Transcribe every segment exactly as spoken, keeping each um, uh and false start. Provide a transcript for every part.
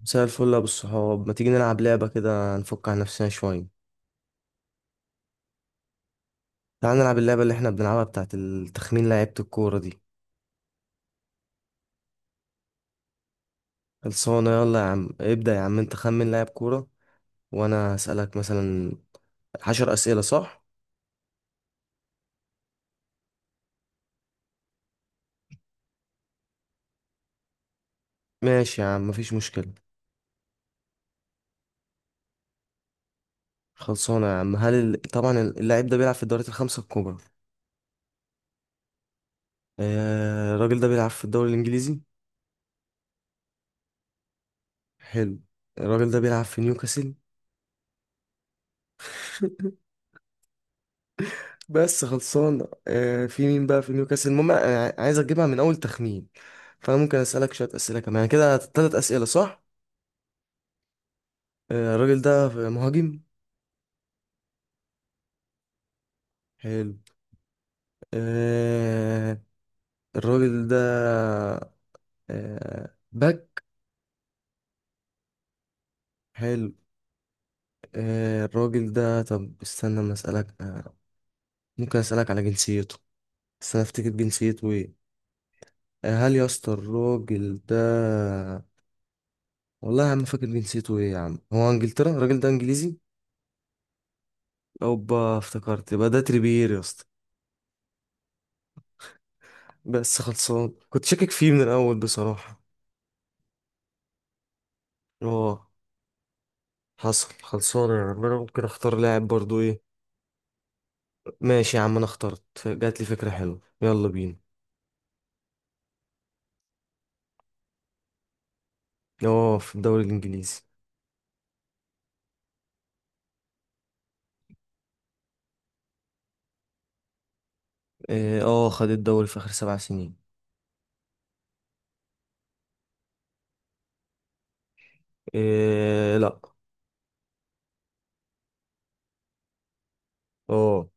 مساء الفل يا ابو الصحاب، ما تيجي نلعب لعبة كده نفك عن نفسنا شوية؟ تعال نلعب اللعبة اللي احنا بنلعبها بتاعت التخمين لعيبة الكورة دي. خلصانة، يلا يا عم ابدأ. يا عم انت خمن لاعب كورة وانا هسألك مثلا عشر أسئلة صح؟ ماشي يا عم مفيش مشكلة. خلصانة يا عم. هل ال... طبعا اللاعب ده بيلعب في الدوريات الخمسة الكبرى؟ آه... الراجل ده بيلعب في الدوري الإنجليزي؟ حلو. الراجل ده بيلعب في نيوكاسل. بس خلصان. آه، في مين بقى في نيوكاسل؟ المهم انا عايز اجيبها من اول تخمين، فانا ممكن اسالك شويه اسئله كمان، يعني كده ثلاث اسئله صح؟ آه، الراجل ده مهاجم؟ حلو. آه، الراجل ده آه، باك؟ حلو. آه، الراجل ده، طب استنى ما اسالك. آه، ممكن اسالك على جنسيته؟ استنى افتكر جنسيته ايه. آه، هل يا اسطى الراجل ده، والله يا عم ما فاكر جنسيته ايه يا عم. هو انجلترا؟ الراجل ده انجليزي؟ اوبا افتكرت، يبقى ده تريبيير يا اسطى. بس خلصان، كنت شاكك فيه من الاول بصراحة. اه حصل. خلصان يا عم. انا ممكن اختار لاعب برضو، ايه؟ ماشي يا عم انا اخترت، ف- جات لي فكرة حلوة يلا بينا. اه في الدوري الانجليزي. اه، آه، خد الدوري في اخر سبع سنين. إيه لا. اه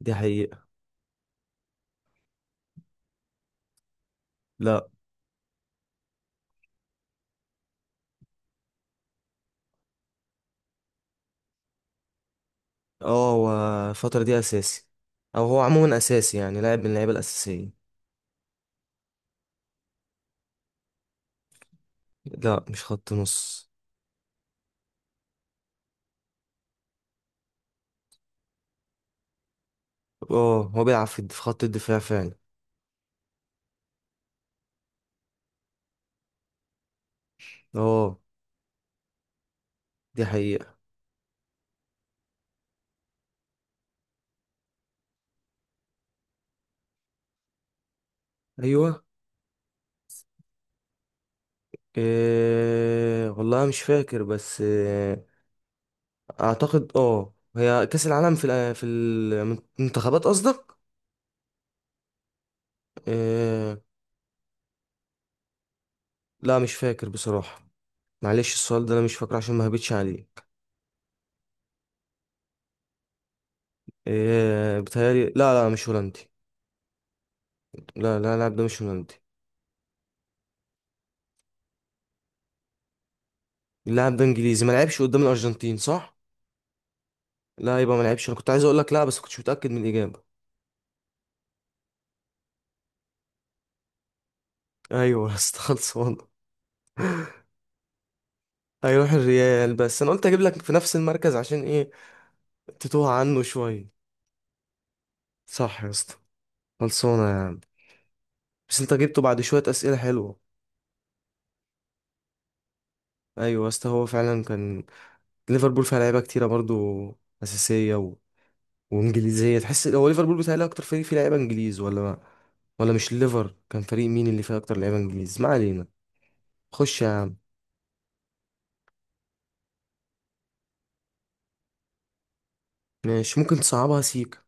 دي حقيقة. لا. اه هو الفترة دي اساسي، او هو عموما اساسي يعني لاعب من اللعيبة الاساسية. لا مش خط نص. اه هو بيلعب في في خط الدفاع فعلا. اه دي حقيقة. أيوة. إيه والله مش فاكر بس إيه. أعتقد أه هي كأس العالم في الأ- في المنتخبات قصدك. إيه. لا مش فاكر بصراحة. معلش السؤال ده أنا مش فاكر عشان ما هبتش عليك. إيه بتهيألي، لا لا مش هولندي. لا لا اللاعب ده مش هولندي. اللاعب ده إنجليزي؟ ما لعبش قدام الأرجنتين صح؟ لا يبقى ما لعبش. أنا كنت عايز أقول لك لا بس كنتش متأكد من الإجابة. أيوة استخلص والله. هيروح الريال؟ بس أنا قلت أجيب لك في نفس المركز عشان إيه، تتوه عنه شوية. صح يا اسطى. خلصانة يا عم. بس انت جبته بعد شوية أسئلة حلوة. أيوة يا اسطى هو فعلا كان. ليفربول فيها لعيبة كتيرة برضو أساسية و... وإنجليزية تحس. هو ليفربول بيتهيألي أكتر فريق فيه لعيبة إنجليز، ولا ما... ولا مش الليفر؟ كان فريق مين اللي فيه أكتر لعيبة إنجليز؟ ما علينا، خش يا عم. ماشي، ممكن تصعبها سيكا.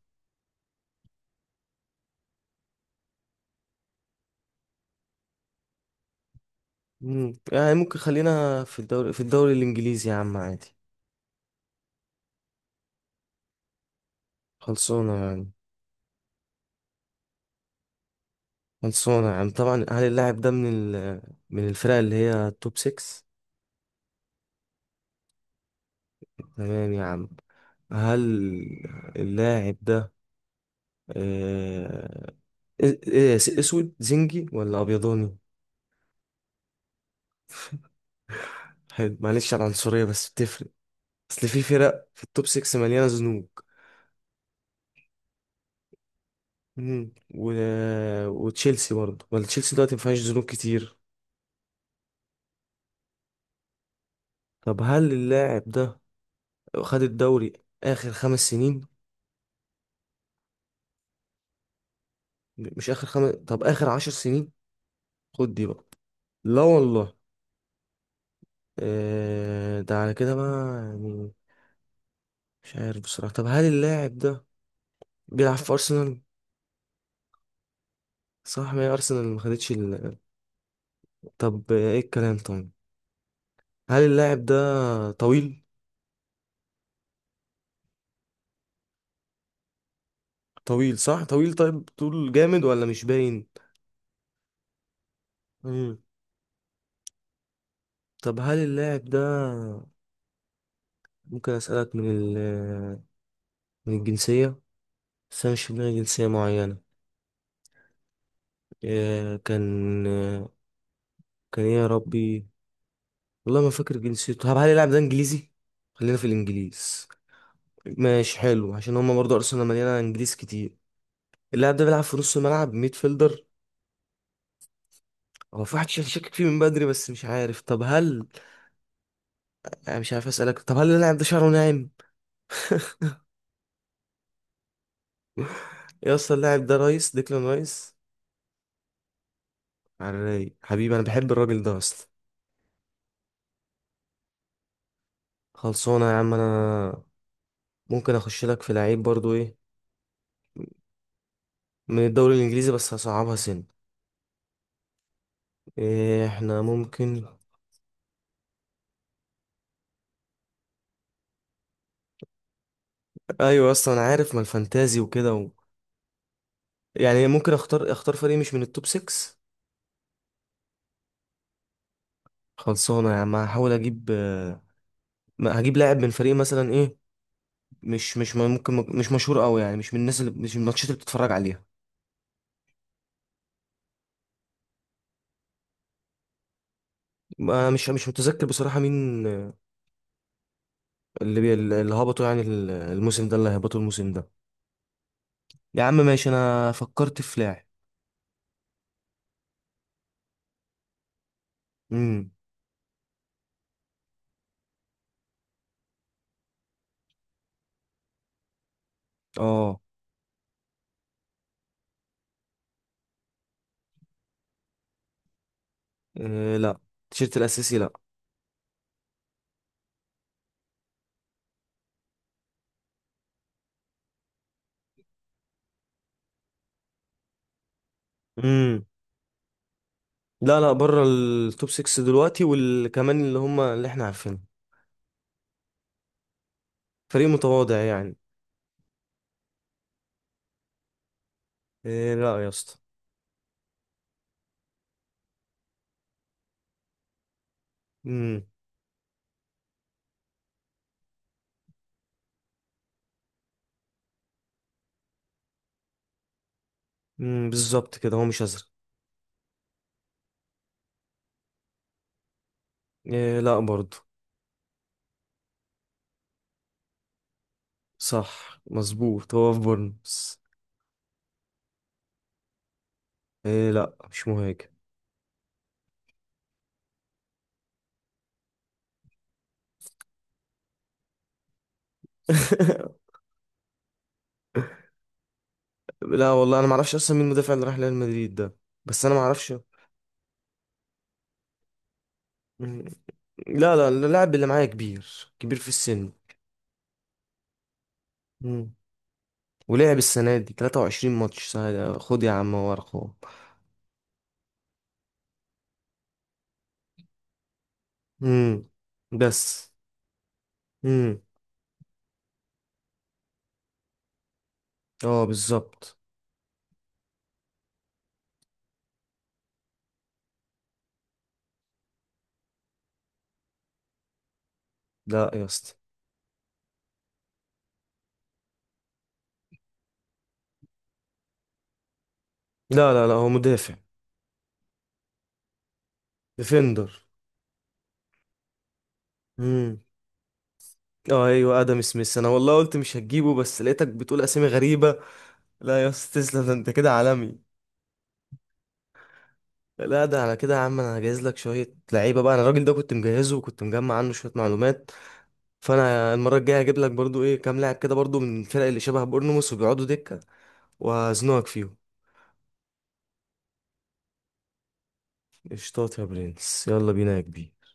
مم. يعني ممكن خلينا في الدوري في الدوري الإنجليزي يا عم عادي. خلصانة يعني. خلصانة يا عم. طبعا هل اللاعب ده من ال... من الفرق اللي هي توب ستة؟ تمام يا عم. هل اللاعب ده آه، إيه- إيه، اسود زنجي ولا ابيضاني؟ حلو، معلش على العنصرية بس بتفرق. اصل في فرق في التوب ستة مليانة زنوج. مم. و... وتشيلسي برضه؟ ولا تشيلسي دلوقتي ما فيهاش زنوج كتير؟ طب هل اللاعب ده خد الدوري اخر خمس سنين؟ مش اخر خمس، طب اخر عشر سنين، خد دي بقى؟ لا والله. آه، ده على كده بقى يعني. مش عارف بصراحة. طب هل اللاعب ده بيلعب في أرسنال؟ صح، ما هي أرسنال ما خدتش ال... طب إيه الكلام طيب؟ هل اللاعب ده طويل؟ طويل صح؟ طويل طيب، طول جامد ولا مش باين؟ مم. طب هل اللاعب ده، ممكن أسألك من ال... من الجنسية؟ بس أنا مش في دماغي جنسية معينة. إيه كان، كان إيه يا ربي؟ والله ما فاكر جنسيته. طب هل اللاعب ده إنجليزي؟ خلينا في الإنجليز. ماشي حلو، عشان هما برضه أرسنال مليانة إنجليز كتير. اللاعب ده بيلعب في نص الملعب، ميد فيلدر. هو في واحد شك- شاكك فيه من بدري بس مش عارف. طب هل، أنا مش عارف اسالك، طب هل اللاعب ده شعره ناعم؟ إيه يا اسطى، اللاعب ده رايس، ديكلان رايس. على الرايق حبيبي، انا بحب الراجل ده اصلا. خلصانه يا عم. انا ممكن اخش لك في لعيب برضو، ايه، من الدوري الانجليزي بس هصعبها سن. إيه احنا ممكن. ايوه اصلا انا عارف، ما الفانتازي وكده و... يعني ممكن اختار اختار فريق مش من التوب ستة. خلصانه يا عم هحاول اجيب. آه، ما هجيب لاعب من فريق مثلا إيه، مش مش ممكن مش مشهور قوي، يعني مش من الناس اللي، مش من الماتشات اللي بتتفرج عليها. ما- مش مش متذكر بصراحة مين اللي بي... اللي هبطوا يعني ال- الموسم ده، اللي هبطوا الموسم ده. يا عم ماشي، انا فكرت في لاعب. امم. اه. إيه، لا التيشيرت الاساسي لا. امم. لا لا بره التوب ستة دلوقتي والكمان اللي هم اللي احنا عارفينه. فريق متواضع يعني. إيه لا يا اسطى. امم. امم بالظبط كده هو مش ازرق. إيه لا برضه. صح مظبوط هو في بورنموث. إيه لا مش مهاجم. لا والله انا ما اعرفش اصلا مين المدافع اللي راح ريال مدريد ده. بس انا ما اعرفش. مم. لا لا اللاعب اللي معايا كبير، كبير في السن. مم. ولعب السنه دي ثلاثة وعشرين ماتش سهل. خد يا عم هو ارقام. مم. بس. مم. اه بالظبط. لا يا اسطى. لا لا لا هو مدافع. ديفندر. مم. اه ايوه ادم سميث. انا والله قلت مش هتجيبه بس لقيتك بتقول اسامي غريبه. لا يا اسطى تسلم، ده انت كده عالمي. لا ده على كده يا عم، انا هجهز لك شويه لعيبه بقى. انا الراجل ده كنت مجهزه وكنت مجمع عنه شويه معلومات. فانا المره الجايه هجيب لك برضو ايه كام لاعب كده برضو من الفرق اللي شبه بورنموث وبيقعدوا دكه، وهزنقك فيهم. قشطات يا برنس، يلا بينا يا كبير.